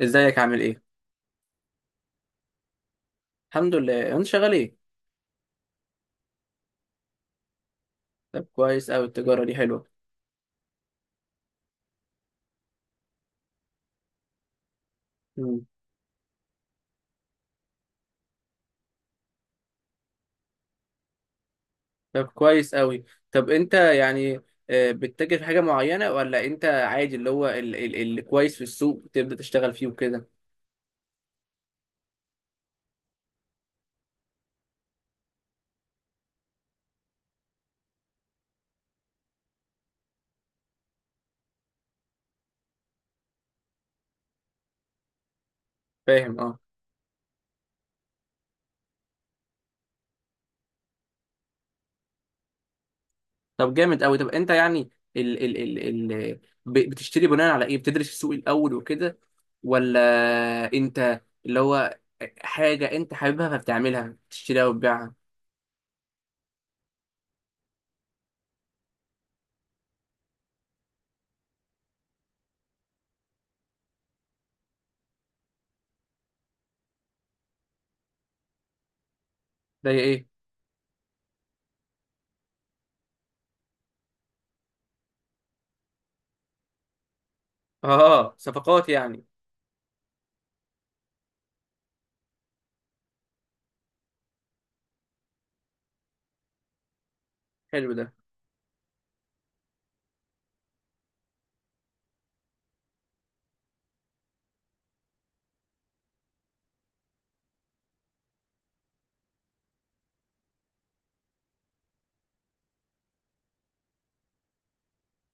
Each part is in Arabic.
ازيك؟ عامل ايه؟ الحمد لله. انت شغال ايه؟ طب كويس قوي، التجاره دي حلوه. مم. طب كويس قوي. طب انت يعني بتتاجر في حاجه معينه، ولا انت عادي اللي هو اللي كويس في السوق تبدا تشتغل فيه وكده؟ فاهم. اه. طب جامد قوي. طب انت يعني ال ال ال ال بتشتري بناء على ايه؟ بتدرس السوق الاول وكده، ولا انت اللي هو حاجه انت حاببها فبتعملها بتشتريها وتبيعها؟ ده ايه؟ اه، صفقات يعني. حلو ده.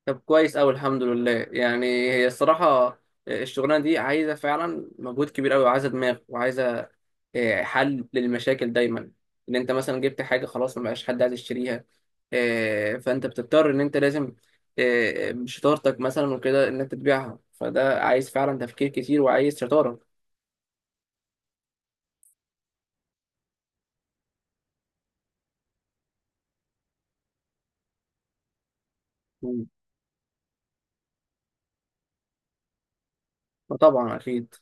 طب كويس أوي. الحمد لله. يعني هي الصراحة، الشغلانة دي عايزة فعلا مجهود كبير أوي، وعايزة دماغ، وعايزة حل للمشاكل دايما. إن أنت مثلا جبت حاجة خلاص مبقاش حد عايز يشتريها، فأنت بتضطر إن أنت لازم بشطارتك مثلا وكده إن أنت تبيعها. فده عايز فعلا تفكير كتير وعايز شطارة. مم. فطبعا أكيد.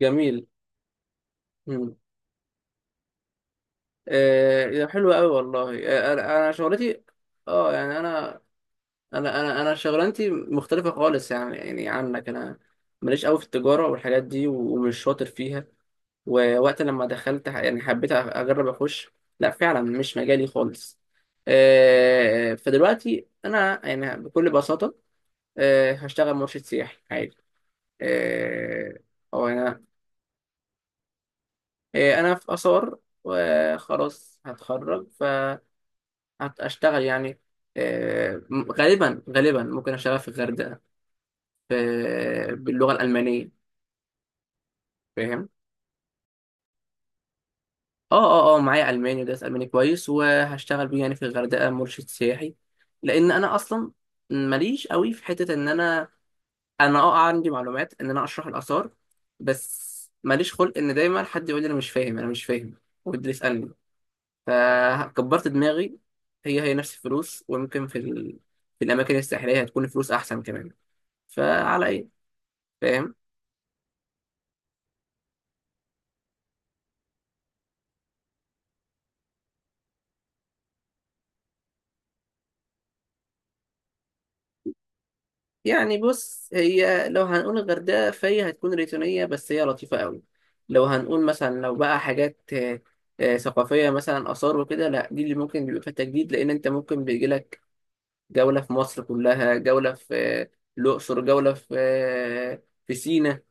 جميل. مم. حلو أوي والله. أنا شغلتي. اه، يعني انا شغلانتي مختلفه خالص، يعني عنك. انا ماليش قوي في التجاره والحاجات دي، و- ومش شاطر فيها. ووقت لما دخلت يعني حبيت اجرب اخش. لا، فعلا مش مجالي خالص. فدلوقتي انا يعني بكل بساطه هشتغل مرشد سياحي عادي. آه، او انا. انا في اثار، وخلاص هتخرج. فهشتغل يعني. آه، غالبا غالبا ممكن اشتغل في الغردقه، باللغة الألمانية. فاهم. اه. اه، اه، معايا ألماني ودرس ألماني كويس، وهشتغل بيه يعني في الغردقة مرشد سياحي. لأن أنا أصلا ماليش قوي في حتة إن أنا عندي معلومات إن أنا أشرح الآثار. بس ماليش خلق إن دايما حد يقول لي أنا مش فاهم، أنا مش فاهم، ويبدأ يسألني. فكبرت دماغي. هي نفس الفلوس، ويمكن في في الأماكن الساحلية هتكون الفلوس أحسن كمان. فعلى إيه. فاهم. يعني بص، هي لو هنقول الغردقة فهي هتكون ريتونية، بس هي لطيفة قوي. لو هنقول مثلا، لو بقى حاجات ثقافية مثلا آثار وكده، لا، دي اللي ممكن بيبقى فيها تجديد. لأن أنت ممكن بيجيلك جولة في مصر كلها، جولة في الأقصر، جولة في في سينا.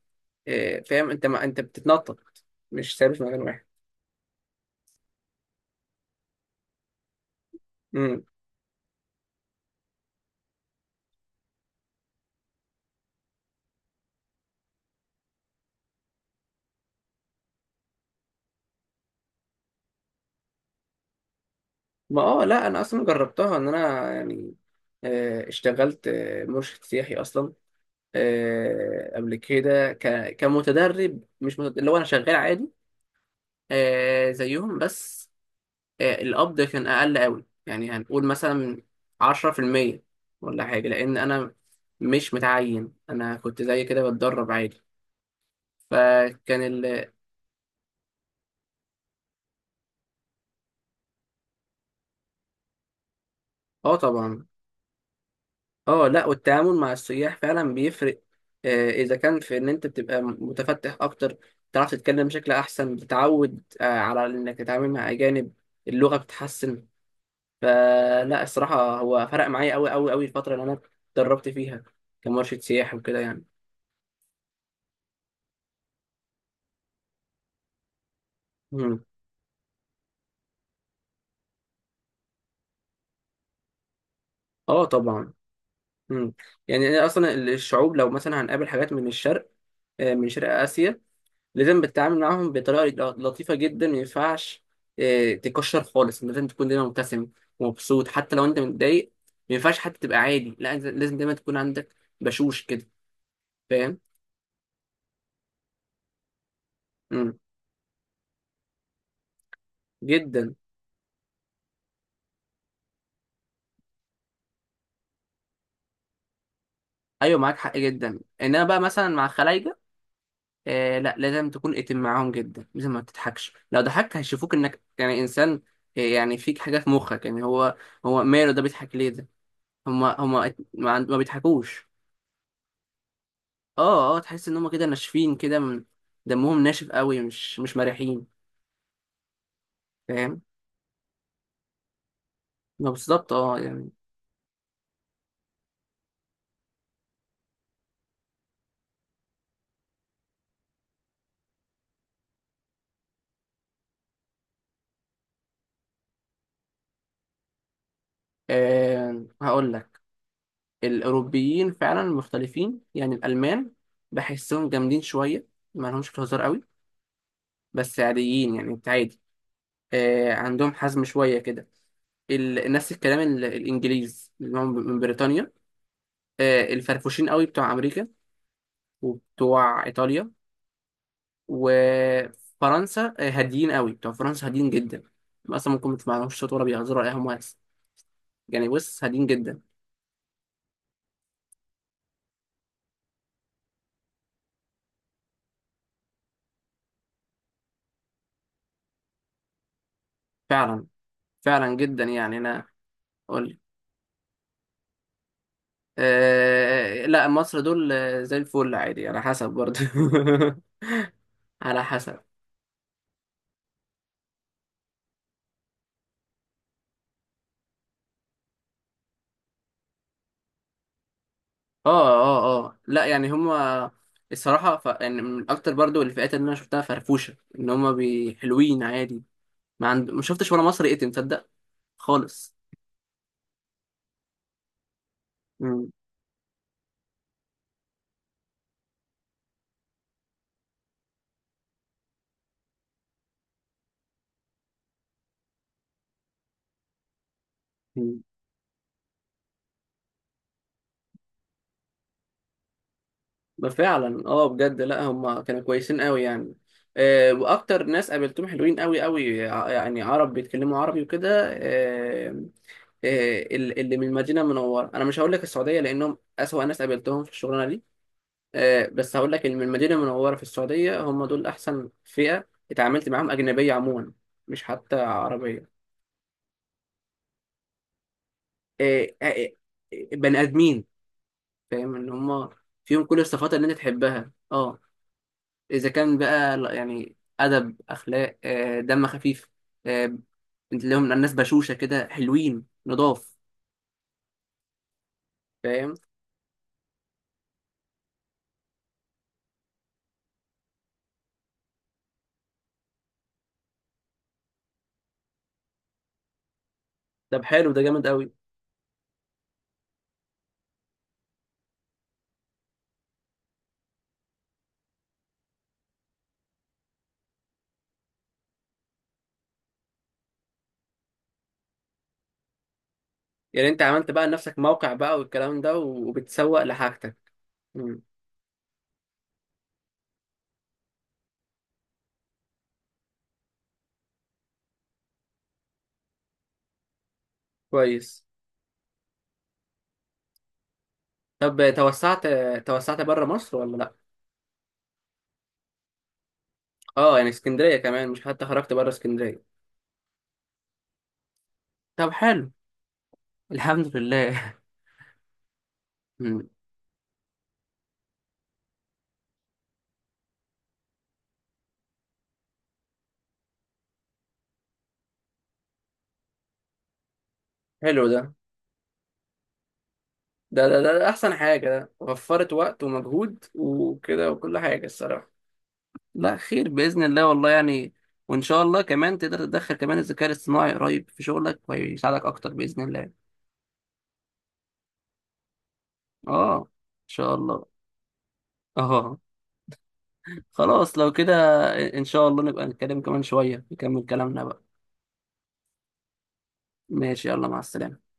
فاهم أنت، ما أنت بتتنطط، مش ثابت في مكان واحد. مم. ما اه، لا أنا أصلا جربتها. إن أنا يعني اشتغلت مرشد سياحي أصلا قبل كده كمتدرب. مش متدرب، اللي هو انا شغال عادي زيهم بس. القبض كان اقل قوي، يعني هنقول مثلا 10% ولا حاجه، لان انا مش متعين، انا كنت زي كده بتدرب عادي. فكان. اه طبعا. اه، لا، والتعامل مع السياح فعلا بيفرق. اذا كان في ان انت بتبقى متفتح اكتر، بتعرف تتكلم بشكل احسن، بتتعود على انك تتعامل مع اجانب. اللغه بتتحسن. فلا، الصراحة هو فرق معايا أوي أوي أوي الفترة اللي أنا اتدربت فيها كمرشد سياحي وكده يعني. مم. اه طبعا. مم. يعني أنا أصلا الشعوب، لو مثلا هنقابل حاجات من الشرق، من شرق آسيا، لازم بتتعامل معاهم بطريقة لطيفة جدا. ما ينفعش تكشر خالص، لازم تكون دايما مبتسم ومبسوط حتى لو أنت متضايق. ما ينفعش حتى تبقى عادي. لا، أنت لازم دايما تكون عندك بشوش كده. فاهم. مم. جدا. أيوه، معاك حق جدا. إنما بقى مثلا مع خلايجة، لا، لازم تكون اتم معاهم جدا، لازم ما تضحكش. لو ضحكت هيشوفوك انك يعني انسان، يعني فيك حاجه في مخك. يعني هو ماله ده، بيضحك ليه ده؟ هما ما بيضحكوش. اه، اه، تحس ان هما كده ناشفين كده، دمهم ناشف قوي، مش مرحين. فاهم. ما بالظبط، اه يعني. هقول لك. الاوروبيين فعلا مختلفين. يعني الالمان بحسهم جامدين شويه، ما لهمش في الهزار قوي، بس عاديين، يعني انت عادي. عندهم حزم شويه كده. نفس الكلام. الانجليز اللي هم من بريطانيا، الفرفوشين قوي بتوع امريكا وبتوع ايطاليا وفرنسا. هاديين قوي بتوع فرنسا، هاديين جدا. اصلا ممكن ما تسمعلهمش صوت، ولا بيهزروا ولا اي، هم وهس. يعني بص، هاديين جدا. فعلا. فعلا جدا يعني انا. اقول لك. أه، لا مصر دول زي الفل، عادي على حسب برضه. على حسب. اه، اه، اه، لا يعني هما الصراحة يعني من أكتر برضو الفئات اللي أنا شفتها فرفوشة، إن هما حلوين عادي. ما شفتش ولا مصري يتم تصدق خالص. مم. مم. ده فعلا، اه بجد. لا، هما كانوا كويسين قوي يعني. وأكتر ناس قابلتهم حلوين قوي قوي، يعني عرب بيتكلموا عربي وكده. آه اللي من المدينة المنورة، أنا مش هقول لك السعودية لأنهم أسوأ ناس قابلتهم في الشغلانة دي. بس هقول لك ان من المدينه المنوره في السعوديه، هم دول احسن فئه اتعاملت معاهم اجنبيه عموما، مش حتى عربيه. آه، آه، بني ادمين. فاهم ان هم فيهم كل الصفات اللي انت تحبها، اه. اذا كان بقى يعني ادب، اخلاق، دم خفيف، آه، لهم الناس بشوشه كده، حلوين نضاف. فاهم. طب حلو ده، جامد قوي. يعني انت عملت بقى لنفسك موقع بقى والكلام ده، وبتسوق لحاجتك؟ مم. كويس. طب توسعت؟ توسعت بره مصر ولا لا؟ اه، يعني اسكندريه كمان، مش حتى خرجت بره اسكندريه. طب حلو. الحمد لله. مم. حلو ده, احسن حاجه. ده وفرت وقت ومجهود وكده وكل حاجه الصراحه. لا خير باذن الله والله يعني. وان شاء الله كمان تقدر تدخل كمان الذكاء الاصطناعي قريب في شغلك، ويساعدك اكتر باذن الله. اه، ان شاء الله. اه. خلاص لو كده. ان شاء الله نبقى نتكلم كمان شويه، نكمل كلامنا بقى. ماشي، يلا مع السلامه.